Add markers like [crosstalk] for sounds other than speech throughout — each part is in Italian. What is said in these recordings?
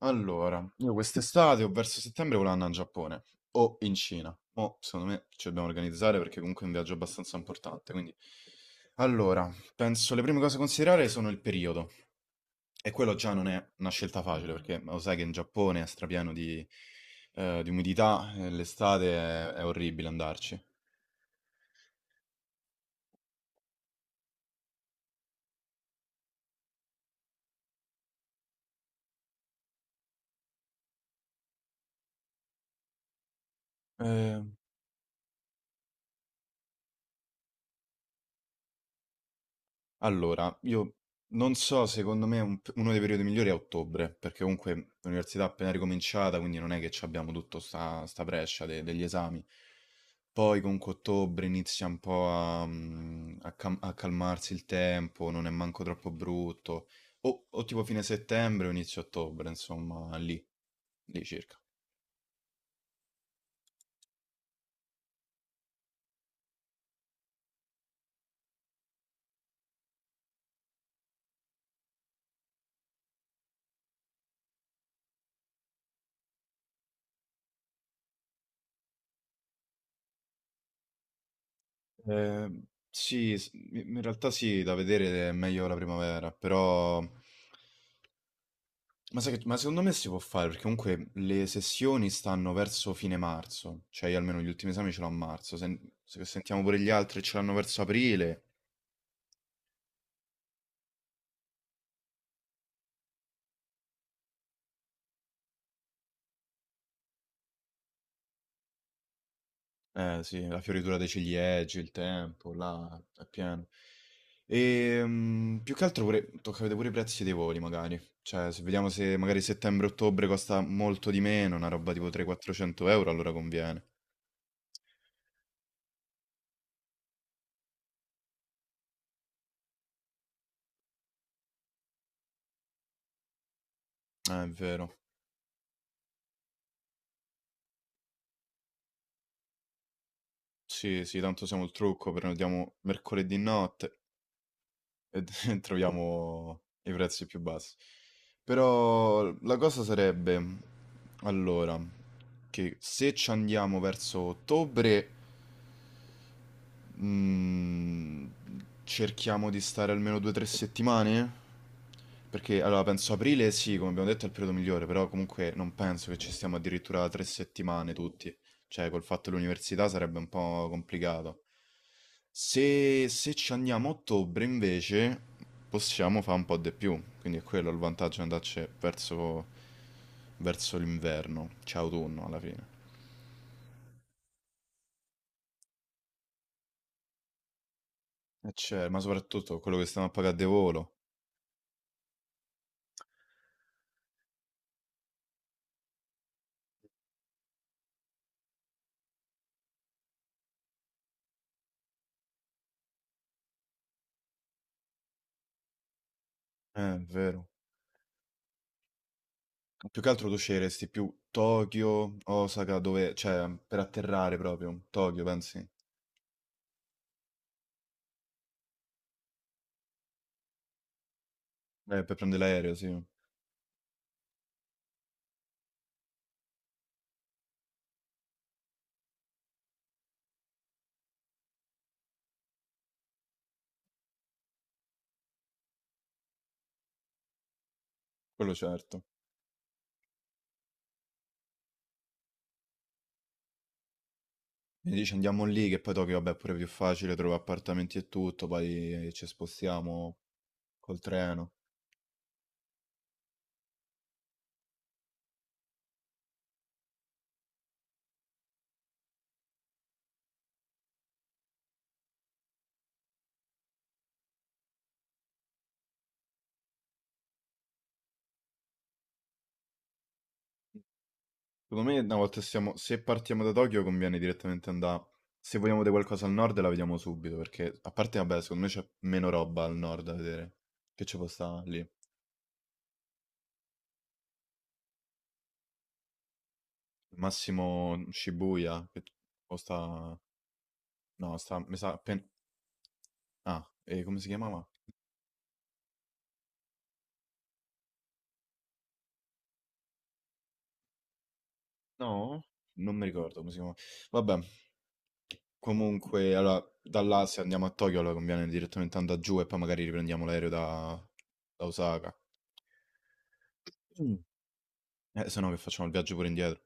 Allora, io quest'estate o verso settembre volevo andare in Giappone o in Cina. Mo, secondo me ci dobbiamo organizzare perché comunque è un viaggio abbastanza importante. Quindi, allora, penso le prime cose da considerare sono il periodo. E quello già non è una scelta facile perché lo sai che in Giappone è strapieno di umidità, e l'estate è orribile andarci. Eh, Allora, io non so, secondo me uno dei periodi migliori è ottobre, perché comunque l'università è appena ricominciata, quindi non è che ci abbiamo tutto sta brescia degli esami. Poi comunque ottobre inizia un po' a, a a calmarsi il tempo, non è manco troppo brutto, o tipo fine settembre o inizio ottobre, insomma, lì circa. Eh, sì, in realtà sì, da vedere è meglio la primavera, però... Ma sai che, ma secondo me si può fare, perché comunque le sessioni stanno verso fine marzo, cioè io almeno gli ultimi esami ce l'ho a marzo, se, se sentiamo pure gli altri ce l'hanno verso aprile, eh sì, la fioritura dei ciliegi, il tempo, là, è pieno. E più che altro pure, tocca vedere pure i prezzi dei voli magari, cioè se vediamo se magari settembre-ottobre costa molto di meno, una roba tipo 300-400 euro, allora conviene. È vero, sì sì, tanto siamo il trucco, prenotiamo mercoledì notte e [laughs] troviamo i prezzi più bassi. Però la cosa sarebbe, allora, che se ci andiamo verso ottobre, Mm, cerchiamo di stare almeno due o tre settimane? Perché allora penso aprile sì, come abbiamo detto è il periodo migliore, però comunque non penso che ci stiamo addirittura tre settimane tutti. Cioè, col fatto dell'università sarebbe un po' complicato. Se, se ci andiamo a ottobre invece possiamo fare un po' di più, quindi è quello il vantaggio di andarci verso, verso l'inverno, cioè autunno alla fine. E c'è, ma soprattutto quello che stiamo a pagare di volo. Vero. Più che altro tu sceglieresti più Tokyo, Osaka, dove, cioè, per atterrare proprio, Tokyo, pensi? Per prendere l'aereo, sì, quello certo. Mi dici andiamo lì, che poi Tokyo, vabbè, è pure più facile, trovo appartamenti e tutto, poi ci spostiamo col treno. Secondo me, una volta siamo, se partiamo da Tokyo, conviene direttamente andare. Se vogliamo vedere qualcosa al nord, la vediamo subito. Perché, a parte, vabbè, secondo me c'è meno roba al nord da vedere. Che ci può stare lì? Al massimo Shibuya. Che o sta. No, sta. Mi sa. Ah, e come si chiamava? No? Non mi ricordo come si chiamava. Vabbè, comunque, allora, da là se andiamo a Tokyo, allora conviene direttamente andare giù e poi magari riprendiamo l'aereo da, da Osaka. Mm. Se no, che facciamo il viaggio pure indietro.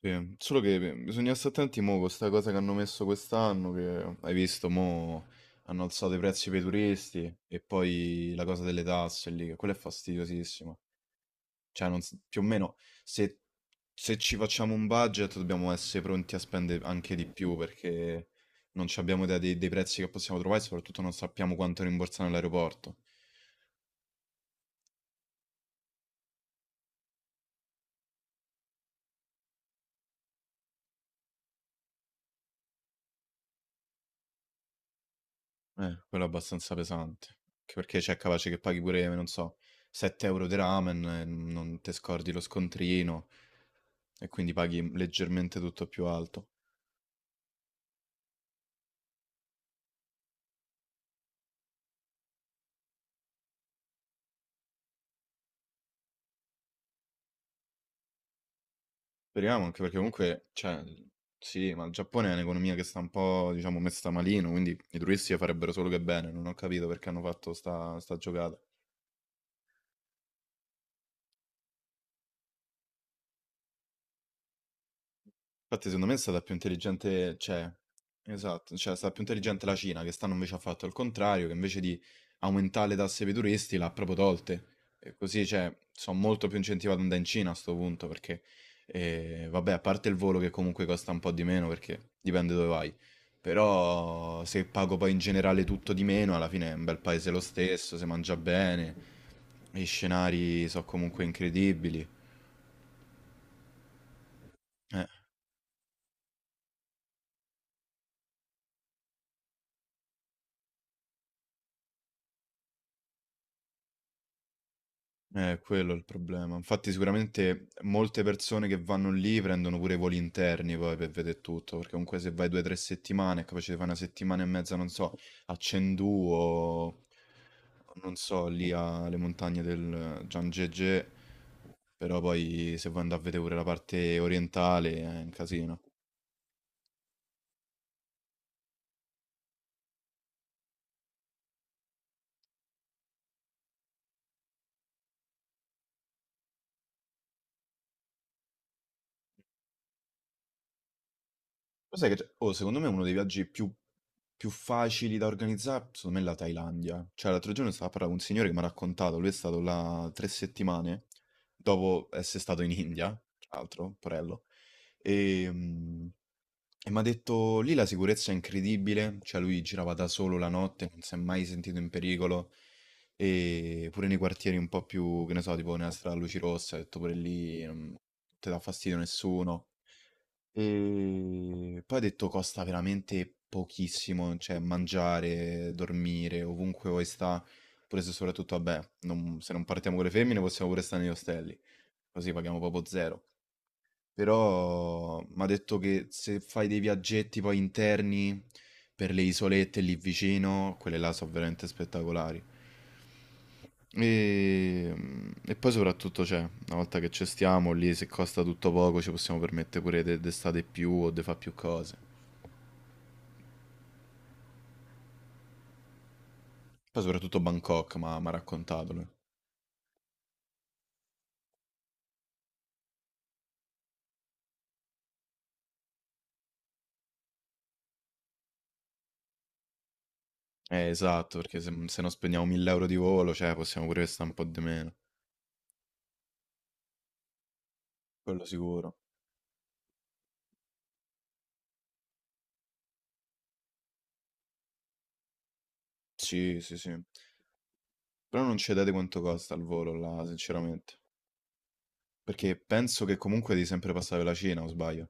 Sì, solo che bisogna stare attenti mo con sta cosa che hanno messo quest'anno, che hai visto, mo hanno alzato i prezzi per i turisti e poi la cosa delle tasse lì, che quella è fastidiosissima. Cioè, non s- più o meno, se, se ci facciamo un budget dobbiamo essere pronti a spendere anche di più perché non ci abbiamo idea dei prezzi che possiamo trovare e soprattutto non sappiamo quanto rimborsare all'aeroporto. Quello è abbastanza pesante. Anche perché c'è capace che paghi pure, non so, 7 € di ramen e non ti scordi lo scontrino e quindi paghi leggermente tutto più alto. Speriamo, anche perché comunque, cioè, sì, ma il Giappone è un'economia che sta un po', diciamo, messa malino, quindi i turisti farebbero solo che bene. Non ho capito perché hanno fatto sta giocata. Infatti secondo me è stata più intelligente, cioè, esatto, cioè è stata più intelligente la Cina, che stanno invece ha fatto il contrario, che invece di aumentare le tasse per i turisti l'ha proprio tolte. E così, cioè, sono molto più incentivato ad andare in Cina a sto punto, perché, vabbè, a parte il volo che comunque costa un po' di meno, perché dipende dove vai, però se pago poi in generale tutto di meno, alla fine è un bel paese lo stesso, si mangia bene, gli scenari sono comunque incredibili. Eh. Quello è il problema. Infatti sicuramente molte persone che vanno lì prendono pure i voli interni poi per vedere tutto, perché comunque se vai due o tre settimane è capace di fare una settimana e mezza, non so, a Chengdu o non so, lì alle montagne del Zhangjiajie, però poi se vuoi andare a vedere pure la parte orientale è un casino. Lo sai che c'è oh, secondo me uno dei viaggi più facili da organizzare, secondo me è la Thailandia. Cioè, l'altro giorno stavo a parlare con un signore che mi ha raccontato, lui è stato là tre settimane dopo essere stato in India, tra l'altro, porello, e, e mi ha detto lì la sicurezza è incredibile, cioè lui girava da solo la notte, non si è mai sentito in pericolo, e pure nei quartieri un po' più, che ne so, tipo nella strada a luci rosse, ha detto pure lì non ti dà fastidio nessuno. E poi ho detto costa veramente pochissimo, cioè mangiare, dormire, ovunque vuoi sta, pure se soprattutto, vabbè, se non partiamo con le femmine possiamo pure stare negli ostelli, così paghiamo proprio zero. Però mi ha detto che se fai dei viaggetti poi interni per le isolette lì vicino, quelle là sono veramente spettacolari. E, e poi soprattutto c'è, una volta che ci stiamo lì, se costa tutto poco, ci possiamo permettere pure d'estate più o di fare più cose. Poi soprattutto Bangkok, ma mi ha raccontato lui. Esatto, perché se, se non spendiamo 1000 € di volo, cioè possiamo pure stare un po' di meno. Quello sicuro. Sì, sì, sì. Però non cedete quanto costa il volo là, sinceramente. Perché penso che comunque devi sempre passare per la Cina, o sbaglio?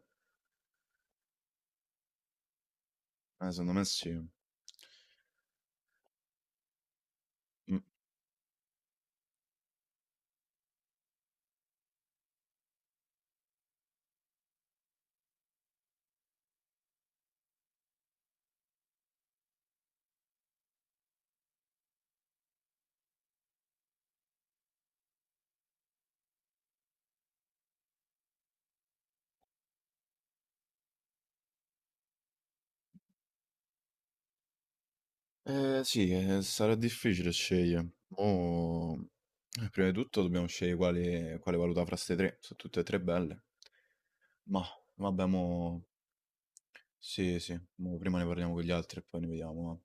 Secondo me sì. Mm. Eh sì, sarà difficile scegliere. Mo... prima di tutto dobbiamo scegliere quale, quale valuta fra ste tre. Sono tutte e tre belle. Ma vabbè, mo... Sì, sì, mo prima ne parliamo con gli altri e poi ne vediamo. Va.